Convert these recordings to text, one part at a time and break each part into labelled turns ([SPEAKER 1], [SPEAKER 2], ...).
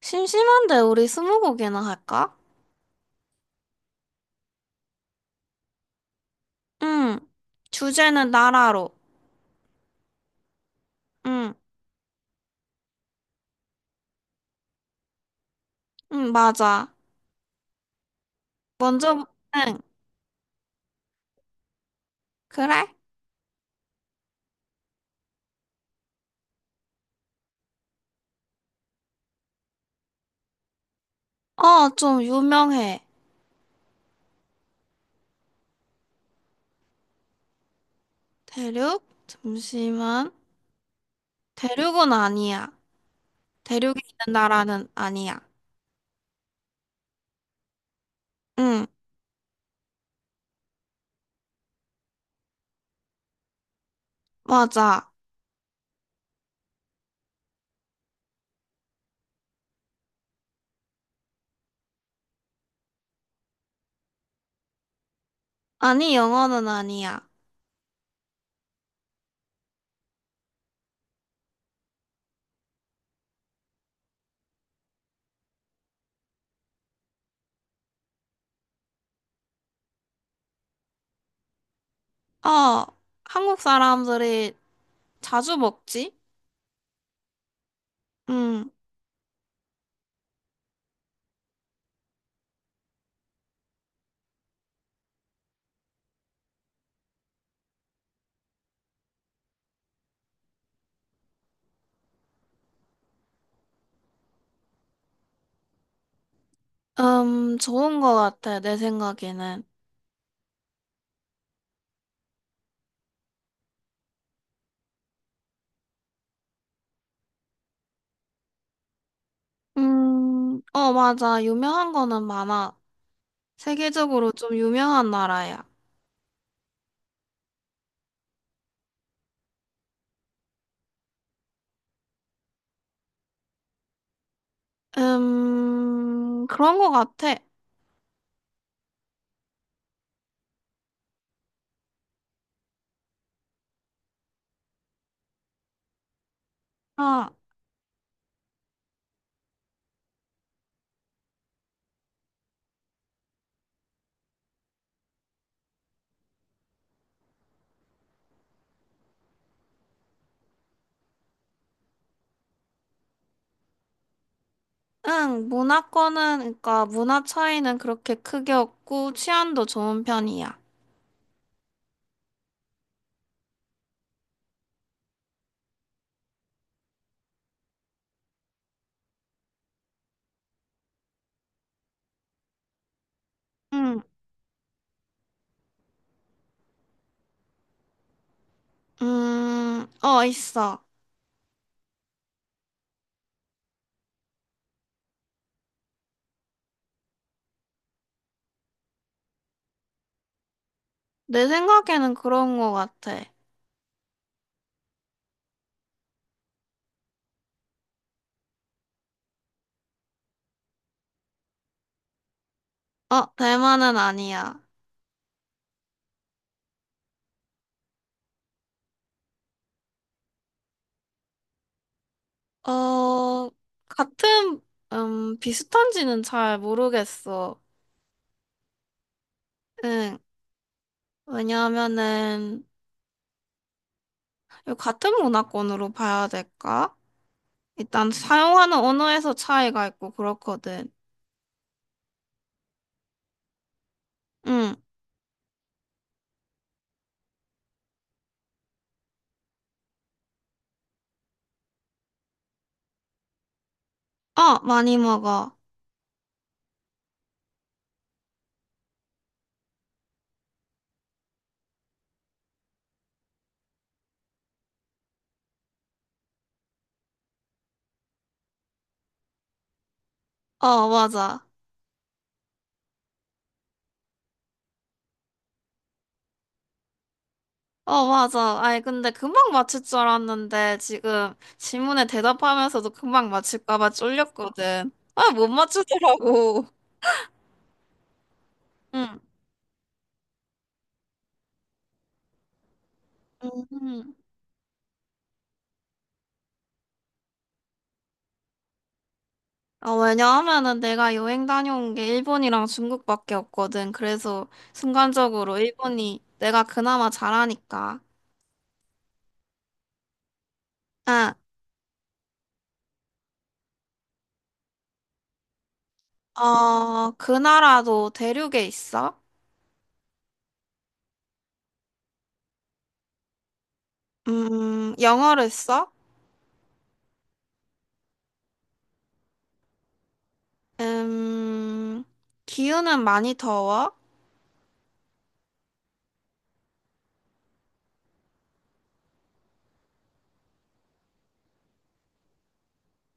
[SPEAKER 1] 심심한데 우리 스무고개나 할까? 응. 주제는 나라로. 응. 응, 맞아. 먼저, 응. 그래? 어, 좀 유명해. 대륙? 잠시만. 대륙은 아니야. 대륙에 있는 나라는 아니야. 응, 맞아. 아니, 영어는 아니야. 어, 한국 사람들이 자주 먹지? 응. 좋은 거 같아, 내 생각에는. 어, 맞아. 유명한 거는 많아. 세계적으로 좀 유명한 나라야. 그런 것 같아. 아, 응, 문화권은, 그러니까 문화 차이는 그렇게 크게 없고 취안도 좋은 편이야. 응, 어, 있어. 내 생각에는 그런 것 같아. 어, 대만은 아니야. 어, 같은, 비슷한지는 잘 모르겠어. 응, 왜냐하면은, 이거 같은 문화권으로 봐야 될까? 일단 사용하는 언어에서 차이가 있고 그렇거든. 응. 어, 많이 먹어. 어, 맞아. 어, 맞아. 아이, 근데 금방 맞출 줄 알았는데 지금 질문에 대답하면서도 금방 맞출까 봐 쫄렸거든. 아, 못 맞추더라고. 응. 음. 어, 왜냐하면은 내가 여행 다녀온 게 일본이랑 중국밖에 없거든. 그래서 순간적으로 일본이 내가 그나마 잘하니까. 응. 어, 그 나라도 대륙에 있어? 영어를 써? 음, 기후는 많이 더워?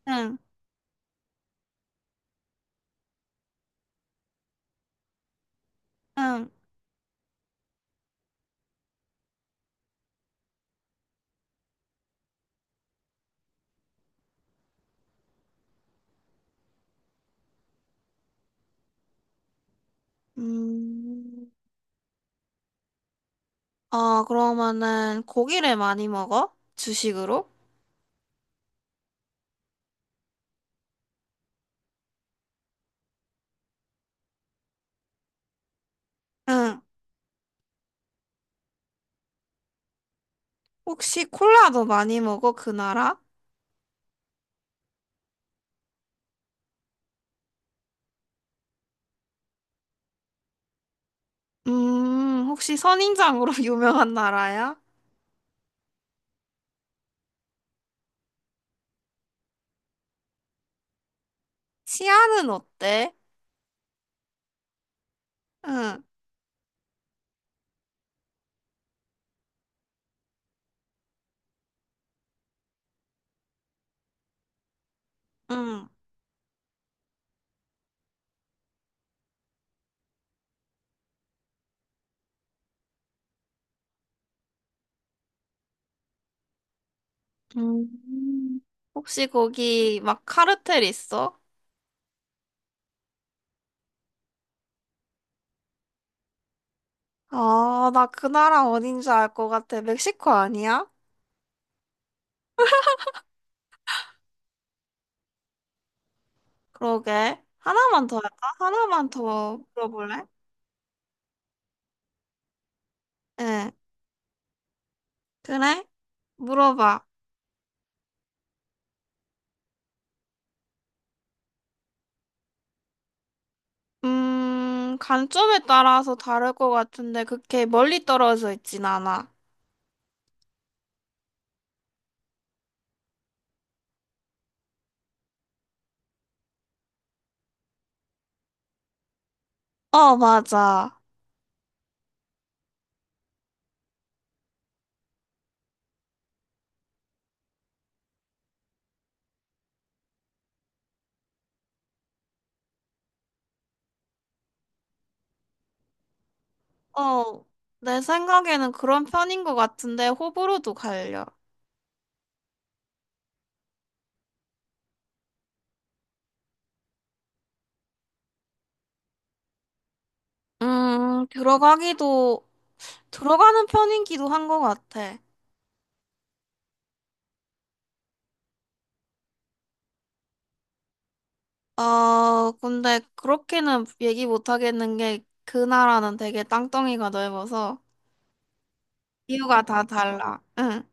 [SPEAKER 1] 응, 응. 음, 어, 그러면은 고기를 많이 먹어? 주식으로? 응. 혹시 콜라도 많이 먹어? 그 나라? 혹시 선인장으로 유명한 나라야? 치안은 어때? 응, 응. 음, 혹시 거기 막 카르텔 있어? 아, 나 그 나라 어딘지 알 것 같아. 멕시코 아니야? 그러게. 하나만 더 할까? 하나만 더 물어볼래? 예. 그래? 물어봐. 관점에 따라서 다를 것 같은데 그렇게 멀리 떨어져 있진 않아. 어, 맞아. 어, 내 생각에는 그런 편인 것 같은데 호불호도 갈려. 음, 들어가기도, 들어가는 편이기도 한 것 같아. 어, 근데 그렇게는 얘기 못 하겠는 게 그 나라는 되게 땅덩이가 넓어서. 이유가 다 달라. 응.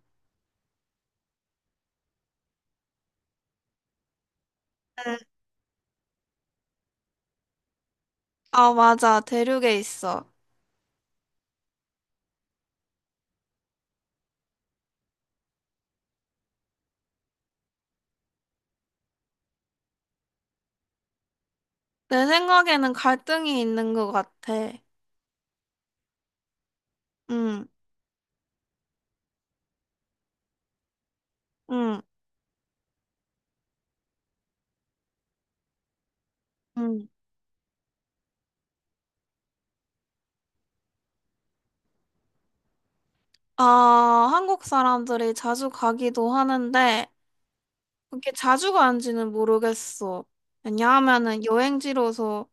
[SPEAKER 1] 응. 아, 맞아. 대륙에 있어. 내 생각에는 갈등이 있는 것 같아. 응, 응, 응. 아, 한국 사람들이 자주 가기도 하는데, 그렇게 자주 가는지는 모르겠어. 왜냐하면은 여행지로서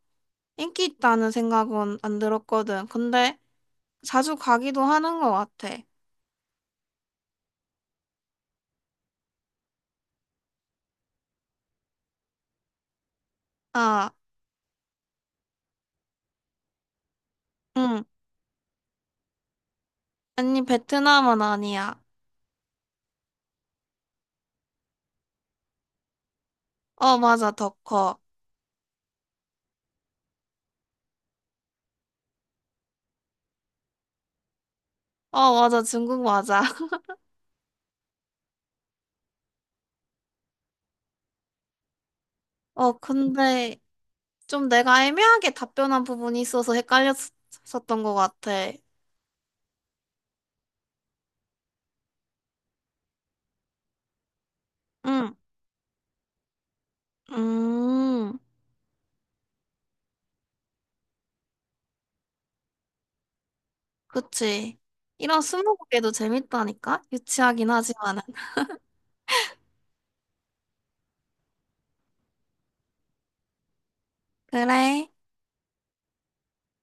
[SPEAKER 1] 인기 있다는 생각은 안 들었거든. 근데 자주 가기도 하는 것 같아. 아, 응. 아니, 베트남은 아니야. 어, 맞아. 더 커. 어, 맞아. 중국 맞아. 어, 근데 좀 내가 애매하게 답변한 부분이 있어서 헷갈렸었던 것 같아. 응, 음, 그치. 이런 스무고개도 재밌다니까? 유치하긴 하지만은. 그래.